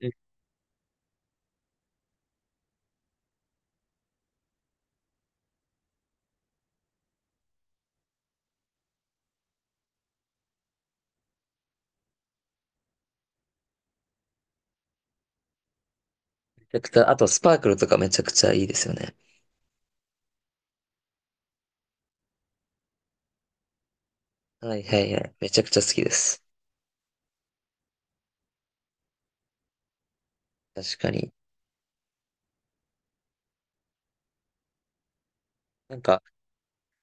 めちゃくちゃ、あとスパークルとかめちゃくちゃいいですよね。はいはいはい。めちゃくちゃ好きです。確かに。なんか、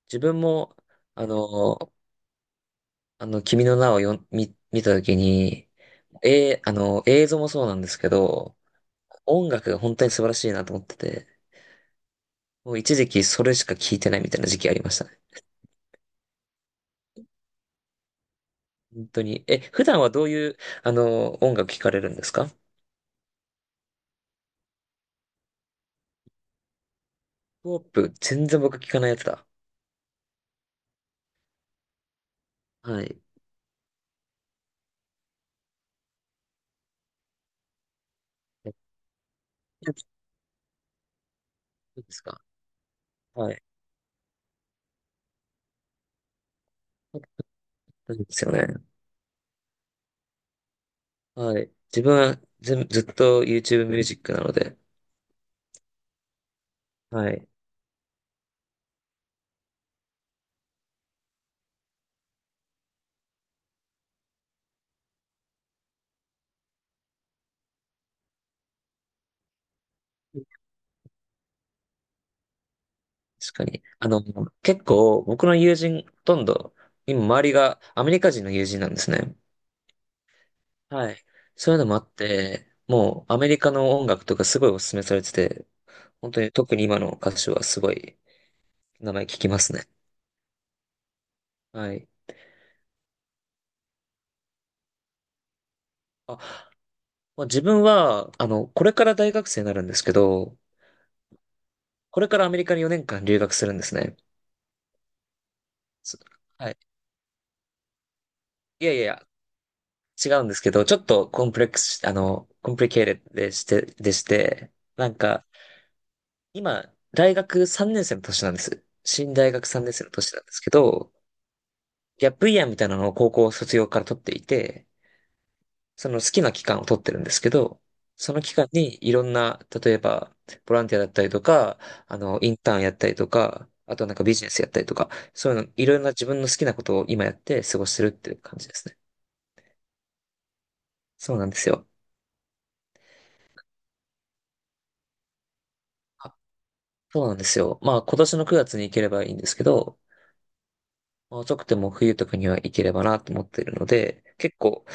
自分も、あの、君の名をよん見、見たときに、映像もそうなんですけど、音楽が本当に素晴らしいなと思ってて、もう一時期それしか聴いてないみたいな時期ありましたね。本当に。え、普段はどういう、音楽聴かれるんですか？ヒップホップ、全然僕聴かないやつだ。はい。えどうですか？はい。そうですよね。はい。自分はずっと YouTube ミュージックなので、はい。確かに。あの、結構僕の友人、ほとんど、今周りがアメリカ人の友人なんですね。はい。そういうのもあって、もうアメリカの音楽とかすごいお勧めされてて、本当に特に今の歌手はすごい名前聞きますね。はい。あ、まあ自分は、あの、これから大学生になるんですけど、これからアメリカに4年間留学するんですね。そはい。いやいや、違うんですけど、ちょっとコンプレックスし、あの、コンプリケーテッドでして、なんか、今、大学3年生の年なんです。新大学3年生の年なんですけど、ギャップイヤーみたいなのを高校卒業から取っていて、その好きな期間を取ってるんですけど、その期間にいろんな、例えば、ボランティアだったりとか、あの、インターンやったりとか、あとなんかビジネスやったりとか、そういうの、いろんな自分の好きなことを今やって過ごしてるっていう感じですね。そうなんですよ。そうなんですよ。まあ今年の9月に行ければいいんですけど、まあ、遅くても冬とかには行ければなと思っているので、結構、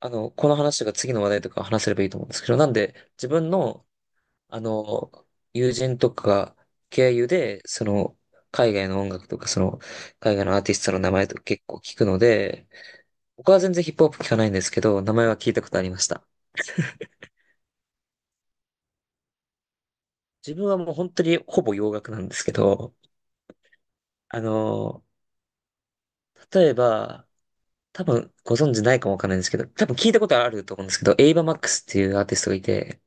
あの、この話が次の話題とか話せればいいと思うんですけど、なんで自分の、あの、友人とか経由で、その、海外の音楽とか、その、海外のアーティストの名前とか結構聞くので、僕は全然ヒップホップ聞かないんですけど、名前は聞いたことありました。自分はもう本当にほぼ洋楽なんですけど、あの、例えば、多分ご存知ないかもわかんないんですけど、多分聞いたことあると思うんですけど、エイバ・マックスっていうアーティストがいて、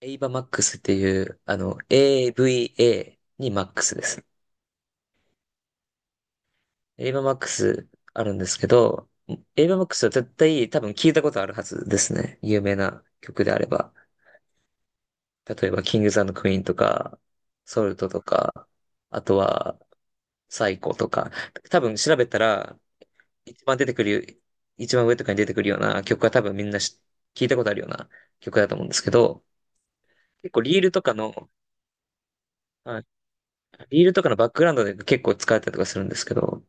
エイバ・マックスっていう、あの、AVA にマックスです。エイバ・マックスあるんですけど、エイバ・マックスは絶対多分聞いたことあるはずですね。有名な曲であれば。例えば、キングズクイーンとか、ソルトとか、あとは、サイコとか、多分調べたら、一番出てくる、一番上とかに出てくるような曲は多分みんなし聞いたことあるような曲だと思うんですけど、結構リールとかの、あ、リールとかのバックグラウンドで結構使われたりとかするんですけど、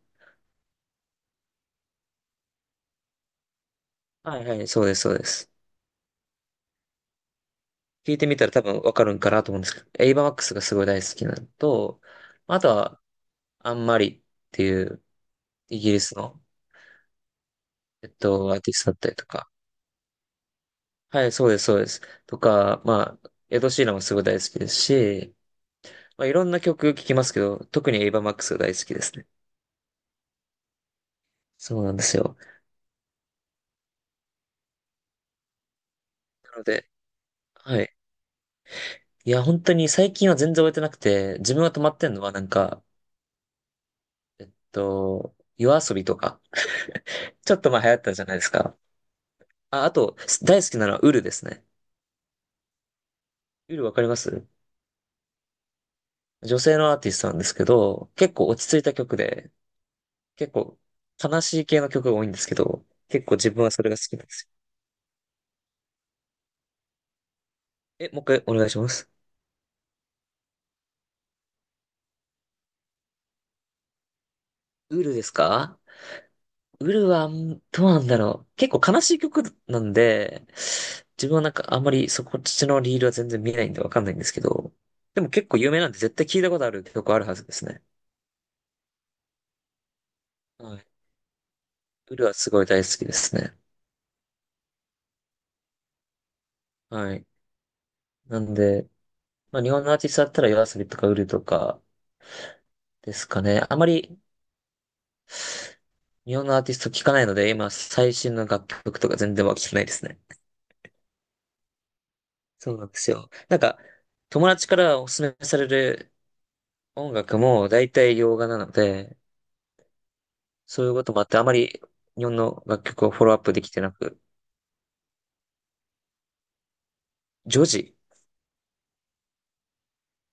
はいはい、そうです、そうです。聞いてみたら多分わかるんかなと思うんですけど、エイバーマックスがすごい大好きなのと、あとは、アンマリっていうイギリスの、えっと、アーティストだったりとか、はい、そうです、そうです。とか、まあ、エド・シーランもすごい大好きですし、まあ、いろんな曲聴きますけど、特にエイバーマックスが大好きですね。そうなんですよ。なので、はい。いや、本当に最近は全然終えてなくて、自分が止まってんのはなんか、えっと、夜遊びとか、ちょっと前流行ったじゃないですか。あ、あと、大好きなのはウルですね。ウルわかります？女性のアーティストなんですけど、結構落ち着いた曲で、結構悲しい系の曲が多いんですけど、結構自分はそれが好きなんですよ。え、もう一回お願いします。ウルですか？ウルは、んどうなんだろう。結構悲しい曲なんで、自分はなんかあんまりそこっちのリールは全然見ないんでわかんないんですけど、でも結構有名なんで絶対聞いたことある曲あるはずですね。はい。ウルはすごい大好きですね。はい。なんで、まあ日本のアーティストだったらヨア a s とかウルとかですかね。あまり日本のアーティスト聞かないので、今最新の楽曲とか全然は聞けないですね。そうなんですよ。なんか、友達からおすすめされる音楽も大体洋画なので、そういうこともあって、あまり日本の楽曲をフォローアップできてなく。ジョジ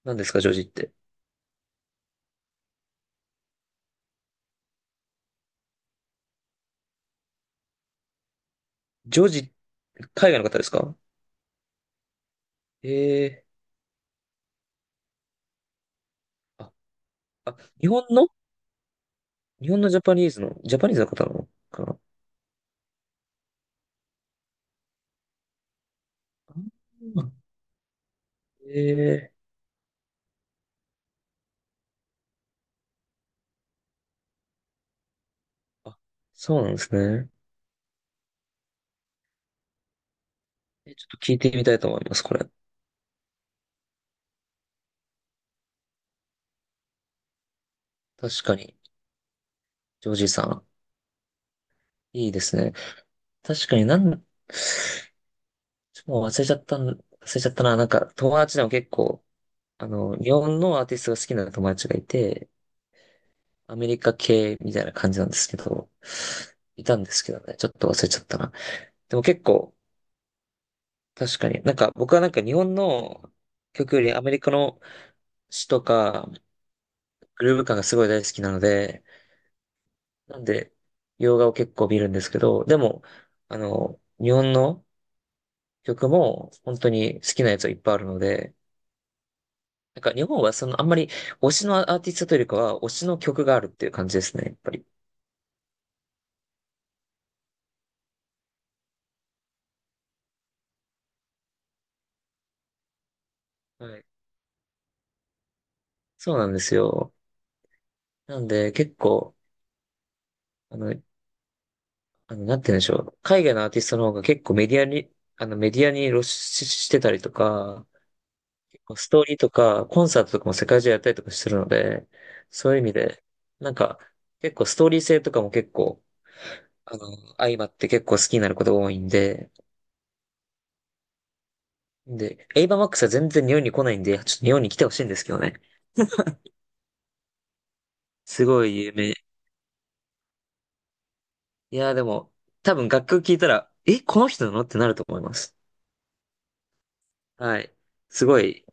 何ですか、ジョジって。ジョジ、海外の方ですか？ええー。あ、日本のジャパニーズの、ジャパニーズの方なのかな？ええー。あ、そうなんですね。えちょっと聞いてみたいと思います、これ。確かに。ジョージさん。いいですね。確かになん、ちょっともう忘れちゃったん、忘れちゃったな。なんか、友達でも結構、あの、日本のアーティストが好きな友達がいて、アメリカ系みたいな感じなんですけど、いたんですけどね、ちょっと忘れちゃったな。でも結構、確かに、なんか僕はなんか日本の曲よりアメリカの詩とか、グルーヴ感がすごい大好きなので、なんで、洋画を結構見るんですけど、でも、あの、日本の曲も本当に好きなやつはいっぱいあるので、なんか日本はそのあんまり推しのアーティストというよりかは推しの曲があるっていう感じですね、やっぱり。はい。そうなんですよ。なんで結構、あの、なんて言うんでしょう。海外のアーティストの方が結構メディアに、あの、メディアに露出してたりとか、結構ストーリーとか、コンサートとかも世界中やったりとかしてるので、そういう意味で、なんか、結構ストーリー性とかも結構、あの、相まって結構好きになることが多いんで、で、エイバーマックスは全然日本に来ないんで、ちょっと日本に来てほしいんですけどね。すごい有名。いやーでも、多分楽曲聴いたら、え、この人なのってなると思います。はい。すごい、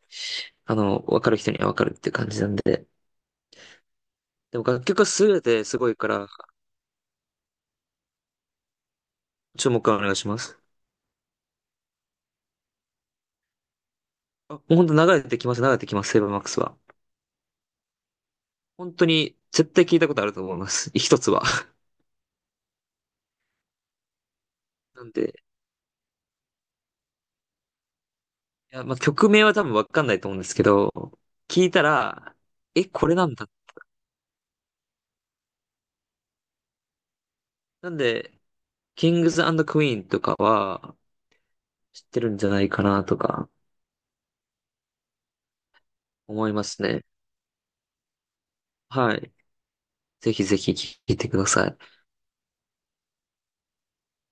あの、わかる人にはわかるって感じなんで。でも楽曲は優れてすごいから、注目はお願いします。あ、もう本当流れてきます、セイバーマックスは。本当に絶対聞いたことあると思います。一つは。なんで、いや、まあ、曲名は多分わかんないと思うんですけど、聞いたら、え、これなんだ。なんで、キングズクイーンとかは知ってるんじゃないかなとか思いますね。はい。ぜひぜひ聞いてください。